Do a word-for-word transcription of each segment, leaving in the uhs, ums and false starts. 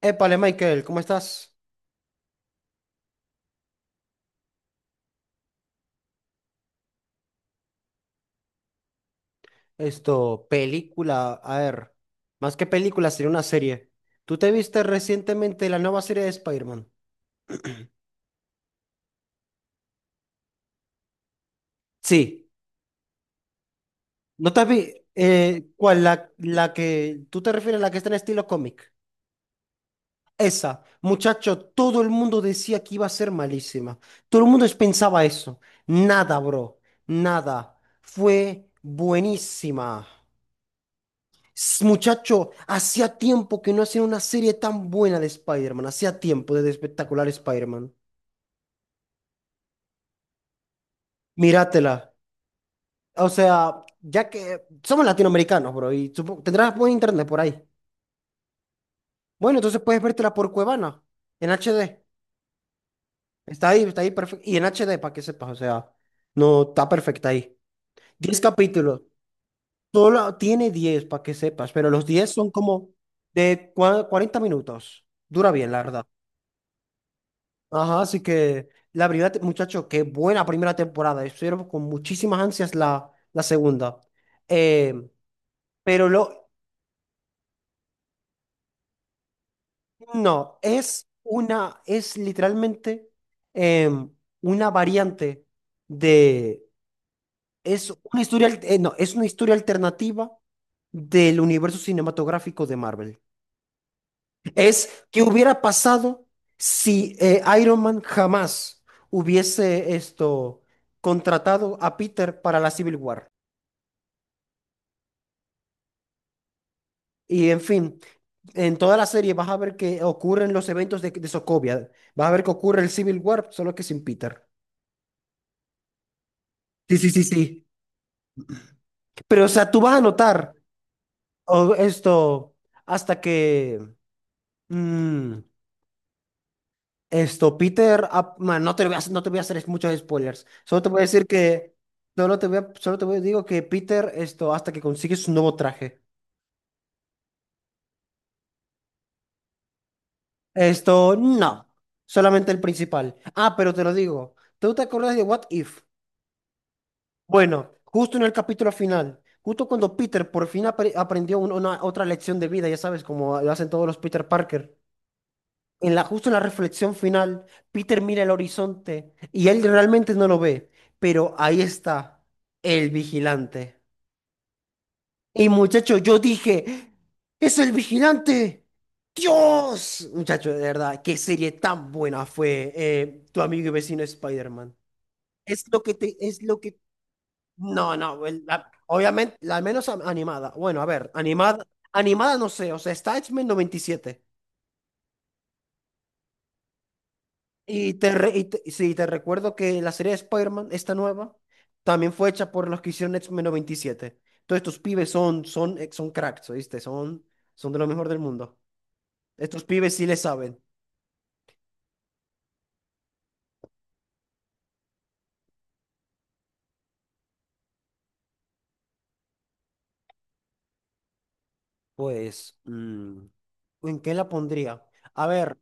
Épale, Michael, ¿cómo estás? Esto, película, a ver, más que película, sería una serie. ¿Tú te viste recientemente la nueva serie de Spider-Man? Sí. ¿No te vi? Eh, ¿cuál? La, la que, ¿tú te refieres a la que está en estilo cómic? Esa, muchacho, todo el mundo decía que iba a ser malísima. Todo el mundo pensaba eso. Nada, bro, nada. Fue buenísima. S- Muchacho, hacía tiempo que no hacía una serie tan buena de Spider-Man. Hacía tiempo desde espectacular Spider-Man. Míratela. O sea, ya que somos latinoamericanos, bro, y supo- tendrás buen internet por ahí. Bueno, entonces puedes vértela por Cuevana, en H D. Está ahí, está ahí perfecto. Y en H D, para que sepas, o sea, no, está perfecta ahí. Diez capítulos. Solo tiene diez para que sepas, pero los diez son como de cua- cuarenta minutos. Dura bien, la verdad. Ajá, así que la primera, te- muchacho, qué buena primera temporada. Estuvieron con muchísimas ansias la, la segunda. Eh, pero lo, no, es una, es literalmente em, una variante de, es una historia, al- eh, no, es una historia alternativa del universo cinematográfico de Marvel. Es que hubiera pasado si eh, Iron Man jamás hubiese esto contratado a Peter para la Civil War. Y en fin, en toda la serie vas a ver que ocurren los eventos de, de Sokovia. Vas a ver que ocurre el Civil War, solo que sin Peter. Sí, sí, sí, sí. Pero, o sea, tú vas a notar o- esto hasta que mm, esto, Peter. ap- man, no te lo voy a, hacer- no te voy a hacer muchos spoilers. Solo te voy a decir que. Solo te voy a, solo te voy a digo que Peter, esto, hasta que consigue su nuevo traje. Esto, no. Solamente el principal. Ah, pero te lo digo. ¿Tú te acuerdas de What If? Bueno, justo en el capítulo final, justo cuando Peter por fin apre- aprendió un- una otra lección de vida, ya sabes, como lo hacen todos los Peter Parker, en la, justo en la reflexión final, Peter mira el horizonte y él realmente no lo ve, pero ahí está el vigilante. Y muchacho, yo dije, ¡es el vigilante! ¡Dios! Muchacho, de verdad, qué serie tan buena fue eh, tu amigo y vecino Spider-Man. Es lo que te, es lo que. No, no, el- la- obviamente, la- al menos am- animada. Bueno, a ver, animada, animada no sé, o sea, está X-Men noventa y siete. Y siete. Y te, re- y te- sí, te recuerdo que la serie de Spider-Man, esta nueva, también fue hecha por los que hicieron X-Men noventa y siete. Todos estos pibes son, son, eh, son cracks, ¿oíste? Son, son de lo mejor del mundo. Estos pibes sí le saben. Pues, mm, ¿en qué la pondría? A ver.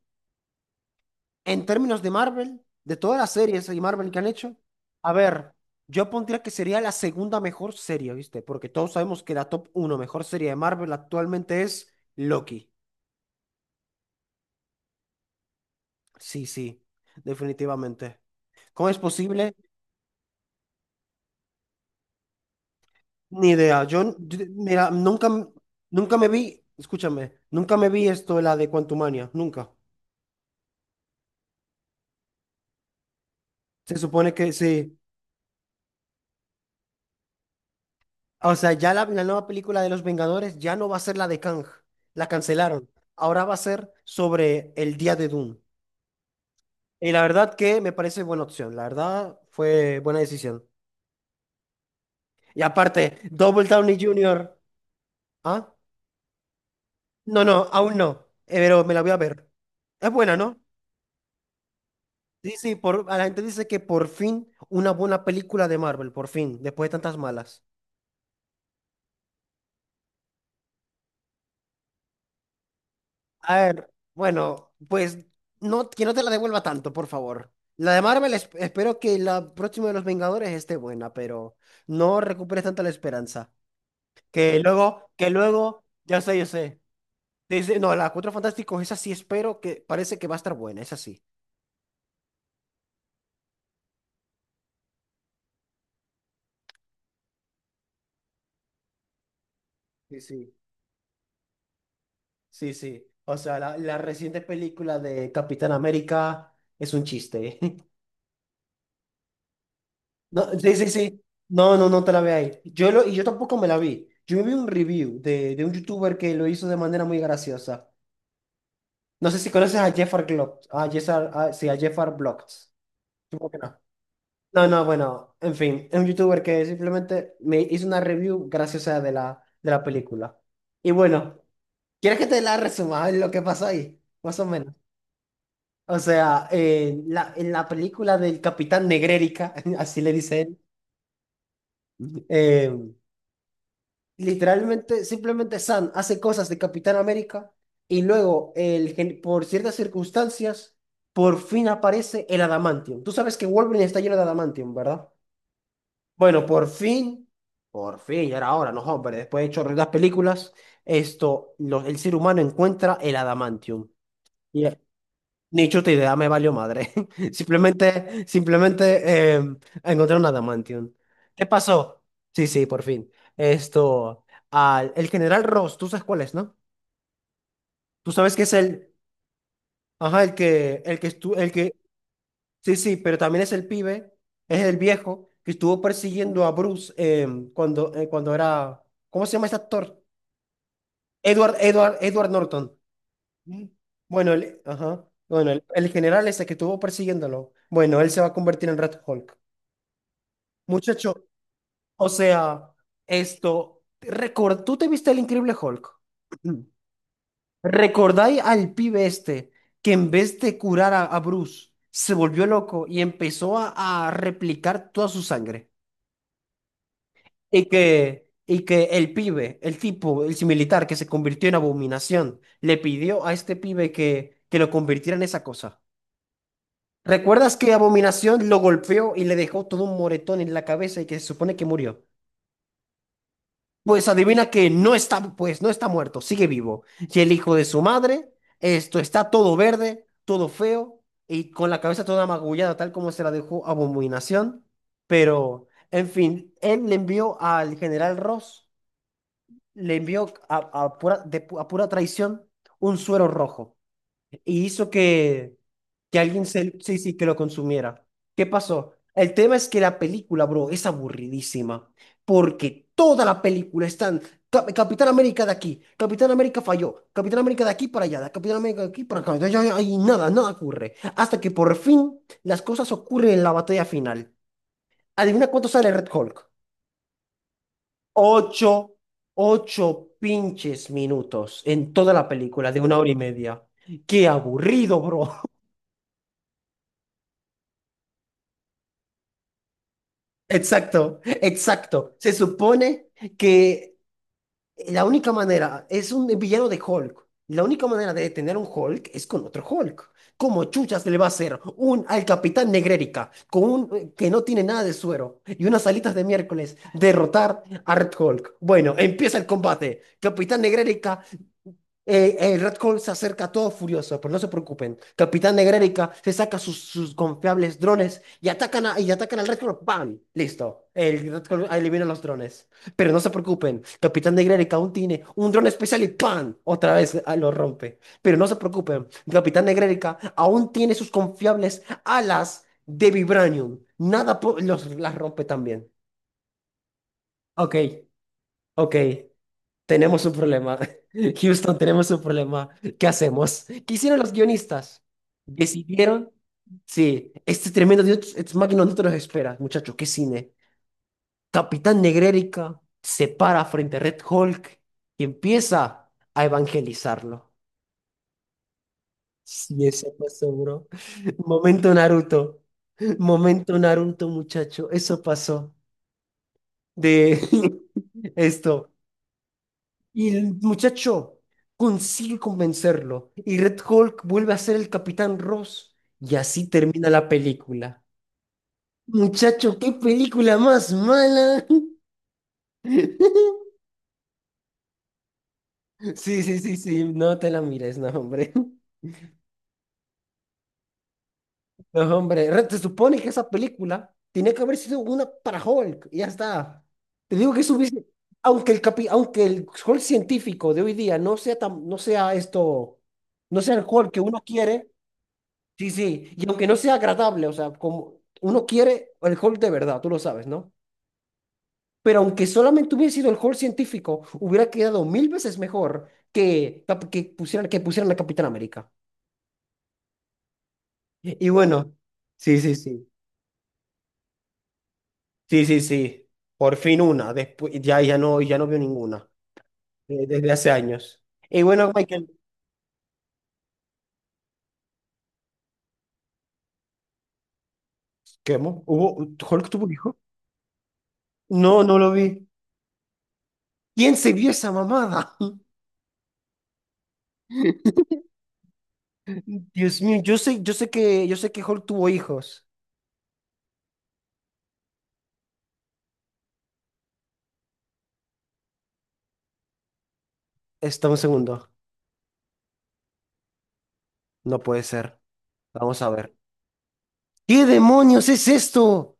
En términos de Marvel, de todas las series de Marvel que han hecho, a ver, yo pondría que sería la segunda mejor serie, ¿viste? Porque todos sabemos que la top uno mejor serie de Marvel actualmente es Loki. Sí, sí, definitivamente. ¿Cómo es posible? Ni idea. Yo, n- yo- mira, nunca, m- nunca me vi, escúchame, nunca me vi esto, la de Quantumania, nunca. Se supone que sí. O sea, ya la, la nueva película de Los Vengadores ya no va a ser la de Kang. La cancelaron. Ahora va a ser sobre el día de Doom. Y la verdad que me parece buena opción. La verdad fue buena decisión. Y aparte, Double Downey Junior, ¿Ah? No, no, aún no. Eh, Pero me la voy a ver. Es buena, ¿no? Sí, sí, por, a la gente dice que por fin una buena película de Marvel, por fin, después de tantas malas. A ver, bueno, pues no, que no te la devuelva tanto, por favor. La de Marvel, esp- espero que la próxima de los Vengadores esté buena, pero no recuperes tanta la esperanza. Que luego, que luego, ya sé, yo sé. Dice, no, la Cuatro Fantásticos, esa sí espero que parece que va a estar buena, esa sí. Sí, sí, sí, sí. O sea, la, la reciente película de Capitán América es un chiste. No, sí, sí, sí. No, no, no te la veáis. Yo lo, y yo tampoco me la vi. Yo vi un review de, de un youtuber que lo hizo de manera muy graciosa. No sé si conoces a Jeffar Glocks. A Jeffar, a- sí, a Jeffar Blocks. Supongo que no. No, no, bueno, en fin, es un youtuber que simplemente me hizo una review graciosa de la, de la película. Y bueno, ¿quieres que te la resuma lo que pasó ahí? Más o menos. O sea, eh, la, en la película del Capitán Negrérica, así le dice él. em, Literalmente, simplemente Sam hace cosas de Capitán América y luego, el, gen- por ciertas circunstancias, por fin aparece el adamantium. Tú sabes que Wolverine está lleno de adamantium, ¿verdad? Bueno, por fin, por fin, ya era hora, no, hombre, después de chorro de las películas, esto, lo- el ser humano encuentra el adamantium. Ni chuta idea, me valió madre. Simplemente, simplemente eh, encontré un adamantium. ¿Qué pasó? Sí, sí, por fin. Esto, al, el general Ross, tú sabes cuál es, ¿no? Tú sabes que es el, ajá, el que, el que estuvo, el que, sí, sí, pero también es el pibe, es el viejo que estuvo persiguiendo a Bruce eh, cuando, eh, cuando era, ¿cómo se llama este actor? Edward, Edward, Edward Norton. Mm. Bueno, el, ajá, bueno, el, el general ese que estuvo persiguiéndolo, bueno, él se va a convertir en Red Hulk. Muchacho, o sea, esto, record, ¿tú te viste el Increíble Hulk? ¿Recordáis al pibe este que en vez de curar a, a Bruce, se volvió loco y empezó a, a replicar toda su sangre? Y que, y que el pibe, el tipo, el militar que se convirtió en abominación, le pidió a este pibe que, que lo convirtiera en esa cosa. ¿Recuerdas que Abominación lo golpeó y le dejó todo un moretón en la cabeza y que se supone que murió? Pues adivina que no está, pues no está muerto, sigue vivo. Y el hijo de su madre, esto está todo verde, todo feo y con la cabeza toda magullada, tal como se la dejó Abominación. Pero, en fin, él le envió al general Ross, le envió a, a pura, de pu- a pura traición un suero rojo y hizo que, que alguien se, sí, sí, que lo consumiera. ¿Qué pasó? El tema es que la película, bro, es aburridísima, porque toda la película están Cap- Capitán América de aquí, Capitán América falló, Capitán América de aquí para allá, Capitán América de aquí para acá, y y- y nada, nada ocurre. Hasta que por fin las cosas ocurren en la batalla final. Adivina cuánto sale Red Hulk. Ocho, ocho pinches minutos en toda la película de una hora y media. Qué aburrido, bro. Exacto, exacto. Se supone que la única manera, es un villano de Hulk. La única manera de detener a un Hulk es con otro Hulk. ¿Cómo chuchas le va a hacer un al Capitán Negrérica con un eh, que no tiene nada de suero y unas alitas de miércoles derrotar a Red Hulk? Bueno, empieza el combate. Capitán Negrérica, eh, el Red Hulk se acerca todo furioso, pero no se preocupen. Capitán Negrérica se saca sus, sus confiables drones y atacan a- y atacan al Red Hulk. ¡Bam! Listo. El Red Hulk elimina los drones. Pero no se preocupen, Capitán de Grey aún tiene un dron especial y ¡pam! Otra vez ah, lo rompe. Pero no se preocupen, Capitán de Grey aún tiene sus confiables alas de vibranium. Nada po- los, las rompe también. Ok, ok, tenemos un problema. Houston, tenemos un problema. ¿Qué hacemos? ¿Qué hicieron los guionistas? Decidieron. Sí, este tremendo Dios Ex Machina no te los espera, muchachos, qué cine. Capitán Negrérica se para frente a Red Hulk y empieza a evangelizarlo. Sí, eso pasó, bro. Momento Naruto. Momento Naruto, muchacho. Eso pasó de esto. Y el muchacho consigue convencerlo. Y Red Hulk vuelve a ser el Capitán Ross. Y así termina la película. Muchacho, qué película más mala. Sí, sí, sí, sí. No te la mires, no, hombre. No, hombre, re- se supone que esa película tenía que haber sido una para Hulk, y ya está. Te digo que eso hubiese, aunque el capi- aunque el Hulk científico de hoy día no sea tan, no sea esto, no sea el Hulk que uno quiere, sí, sí, y aunque no sea agradable, o sea, como uno quiere el Hulk de verdad, tú lo sabes, ¿no? Pero aunque solamente hubiese sido el Hulk científico, hubiera quedado mil veces mejor que, Cap- que pusieran, que pusieran a Capitán América. Y bueno, sí, sí, sí. Sí, sí, sí. Por fin una. Después, ya, ya no, ya no veo ninguna. eh, Desde hace años. Y bueno, Michael. ¿Qué, mo? ¿Hubo, Hulk tuvo un hijo? No, no lo vi. ¿Quién se vio esa mamada? Dios mío, yo sé, yo sé que, yo sé que Hulk tuvo hijos. Está un segundo. No puede ser. Vamos a ver. ¿Qué demonios es esto?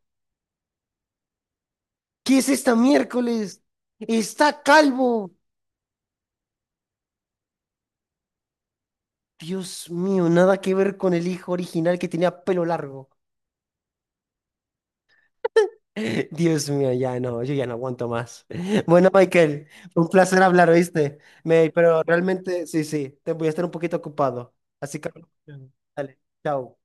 ¿Qué es esta miércoles? Está calvo. Dios mío, nada que ver con el hijo original que tenía pelo largo. Dios mío, ya no, yo ya no aguanto más. Bueno, Michael, un placer hablar, ¿oíste? Me, pero realmente, sí, sí, te voy a estar un poquito ocupado. Así que, dale, chao.